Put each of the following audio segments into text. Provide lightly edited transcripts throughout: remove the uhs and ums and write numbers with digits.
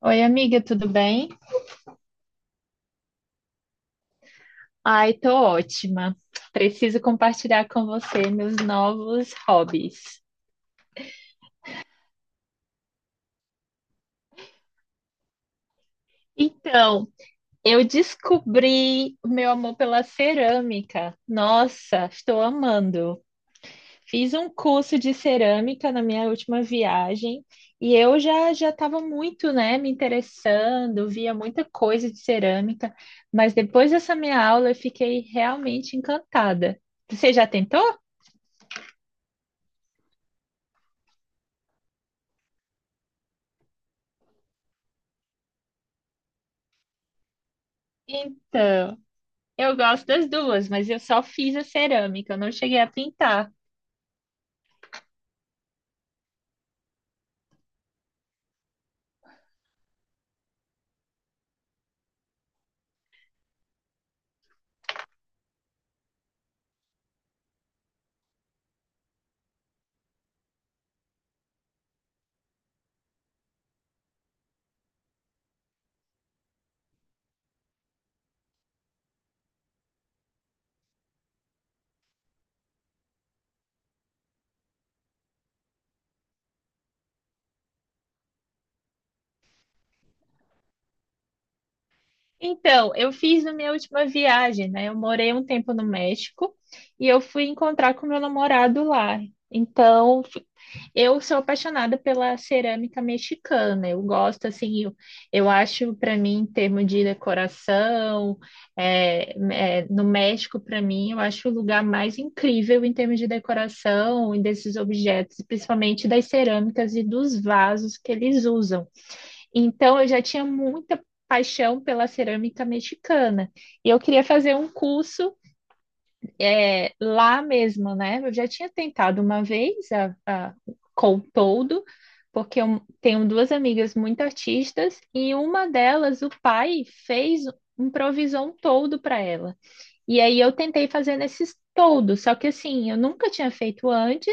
Oi, amiga, tudo bem? Ai, tô ótima. Preciso compartilhar com você meus novos hobbies. Então, eu descobri o meu amor pela cerâmica. Nossa, estou amando. Fiz um curso de cerâmica na minha última viagem e eu já já estava muito, né, me interessando, via muita coisa de cerâmica, mas depois dessa minha aula eu fiquei realmente encantada. Você já tentou? Então, eu gosto das duas, mas eu só fiz a cerâmica, eu não cheguei a pintar. Então, eu fiz na minha última viagem, né? Eu morei um tempo no México e eu fui encontrar com meu namorado lá. Então, eu sou apaixonada pela cerâmica mexicana. Eu gosto, assim, eu acho, para mim, em termos de decoração, é, no México, para mim, eu acho o lugar mais incrível em termos de decoração e desses objetos, principalmente das cerâmicas e dos vasos que eles usam. Então, eu já tinha muita paixão pela cerâmica mexicana. E eu queria fazer um curso lá mesmo, né? Eu já tinha tentado uma vez a com todo, porque eu tenho duas amigas muito artistas e uma delas, o pai, fez improvisou um toldo para ela. E aí eu tentei fazer nesses toldos, só que assim, eu nunca tinha feito antes,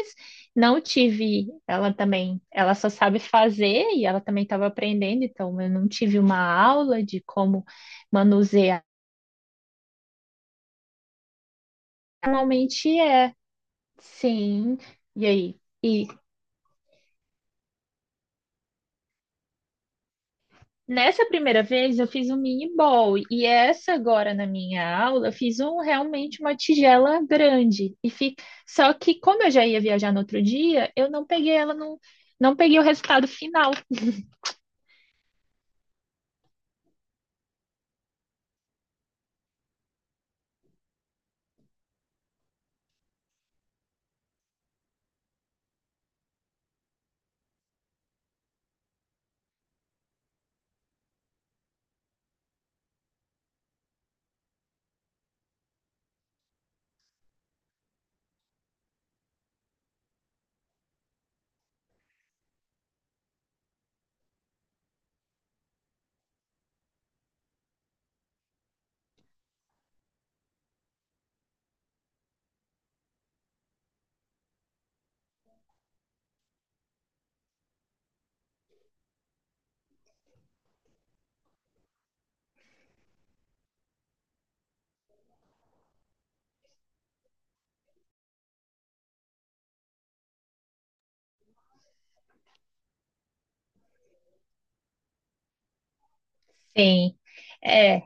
não tive, ela também, ela só sabe fazer e ela também estava aprendendo, então eu não tive uma aula de como manusear. Normalmente é, sim, e aí? E nessa primeira vez eu fiz um mini bowl, e essa agora na minha aula eu fiz um realmente uma tigela grande. E fi... Só que como eu já ia viajar no outro dia, eu não peguei o resultado final. Sim. É,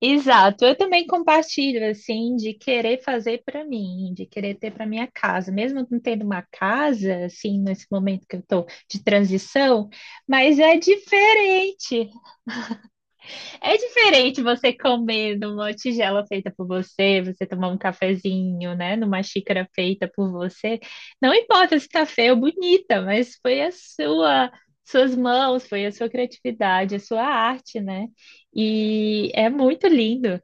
exato. Eu também compartilho assim de querer fazer para mim, de querer ter para minha casa, mesmo não tendo uma casa assim nesse momento que eu estou de transição, mas é diferente. É diferente você comer numa tigela feita por você, você tomar um cafezinho, né, numa xícara feita por você. Não importa se tá feia ou bonita, mas foi a sua, suas mãos, foi a sua criatividade, a sua arte, né? E é muito lindo.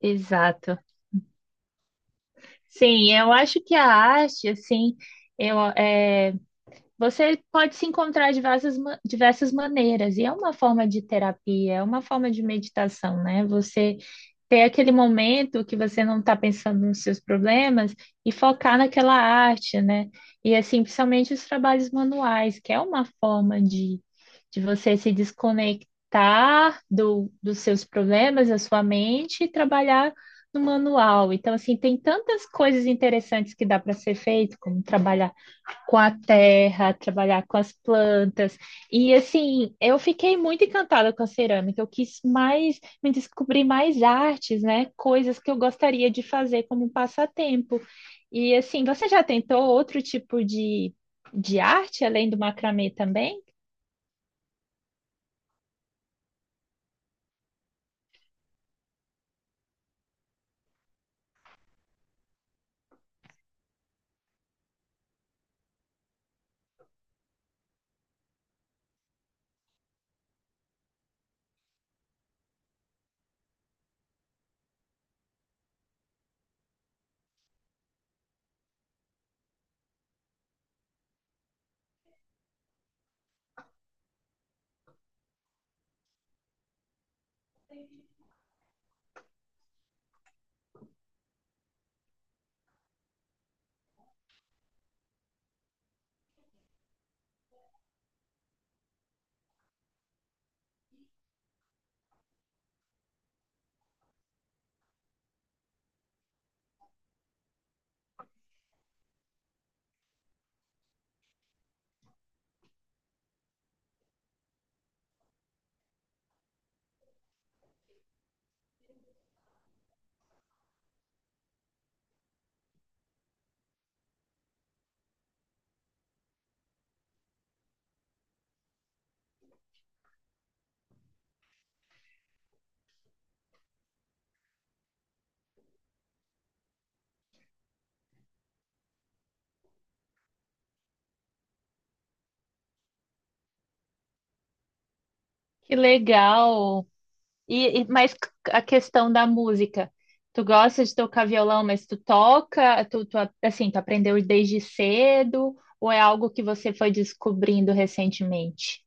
Exato. Sim, eu acho que a arte, assim, eu, é, você pode se encontrar de diversas maneiras, e é uma forma de terapia, é uma forma de meditação, né? Você ter aquele momento que você não está pensando nos seus problemas e focar naquela arte, né? E assim, principalmente os trabalhos manuais, que é uma forma de você se desconectar dos seus problemas, da sua mente, e trabalhar no manual. Então, assim, tem tantas coisas interessantes que dá para ser feito, como trabalhar com a terra, trabalhar com as plantas. E assim, eu fiquei muito encantada com a cerâmica. Eu quis mais me descobrir mais artes, né? Coisas que eu gostaria de fazer como um passatempo. E assim, você já tentou outro tipo de arte além do macramê também? Que legal! E mais a questão da música. Tu gosta de tocar violão, mas tu toca, tu, tu, assim, tu aprendeu desde cedo, ou é algo que você foi descobrindo recentemente?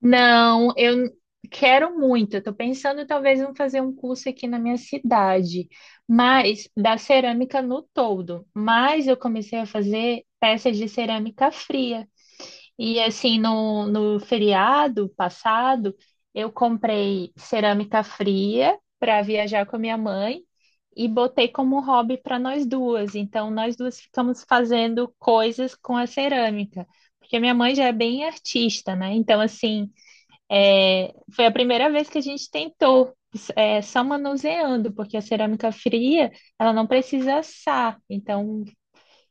Não, eu quero muito. Eu tô pensando talvez em fazer um curso aqui na minha cidade, mas da cerâmica no todo. Mas eu comecei a fazer peças de cerâmica fria. E assim, no feriado passado, eu comprei cerâmica fria para viajar com a minha mãe e botei como hobby para nós duas. Então, nós duas ficamos fazendo coisas com a cerâmica, porque minha mãe já é bem artista, né? Então, assim, foi a primeira vez que a gente tentou, só manuseando, porque a cerâmica fria, ela não precisa assar. Então,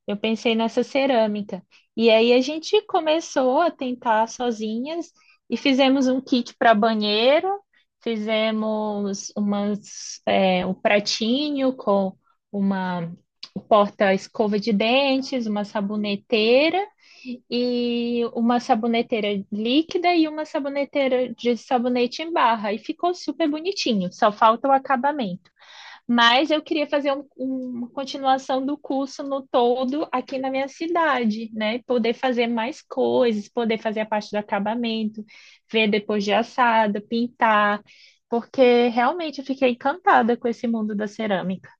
eu pensei nessa cerâmica. E aí a gente começou a tentar sozinhas e fizemos um kit para banheiro, fizemos umas, um pratinho com uma porta-escova de dentes, uma saboneteira e uma saboneteira líquida e uma saboneteira de sabonete em barra. E ficou super bonitinho, só falta o acabamento. Mas eu queria fazer uma continuação do curso no todo aqui na minha cidade, né? Poder fazer mais coisas, poder fazer a parte do acabamento, ver depois de assado, pintar, porque realmente eu fiquei encantada com esse mundo da cerâmica.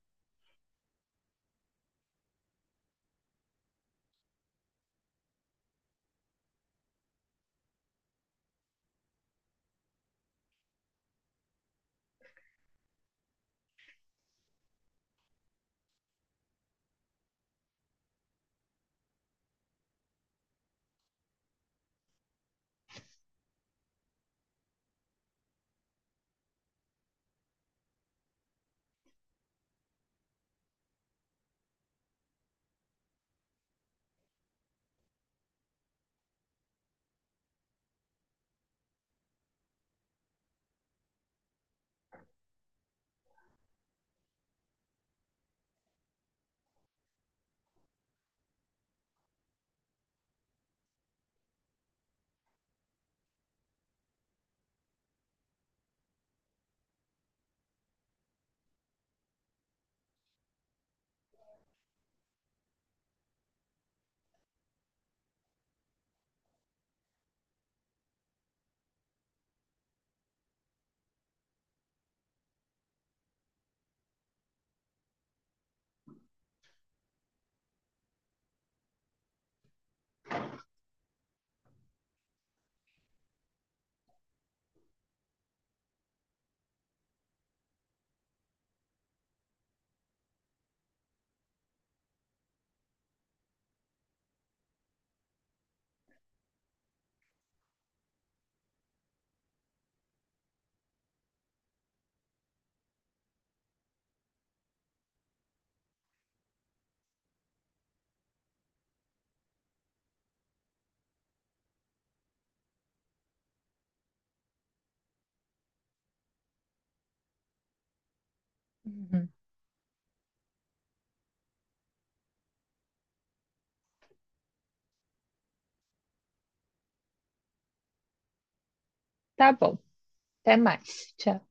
Uhum. Tá bom, até mais. Tchau.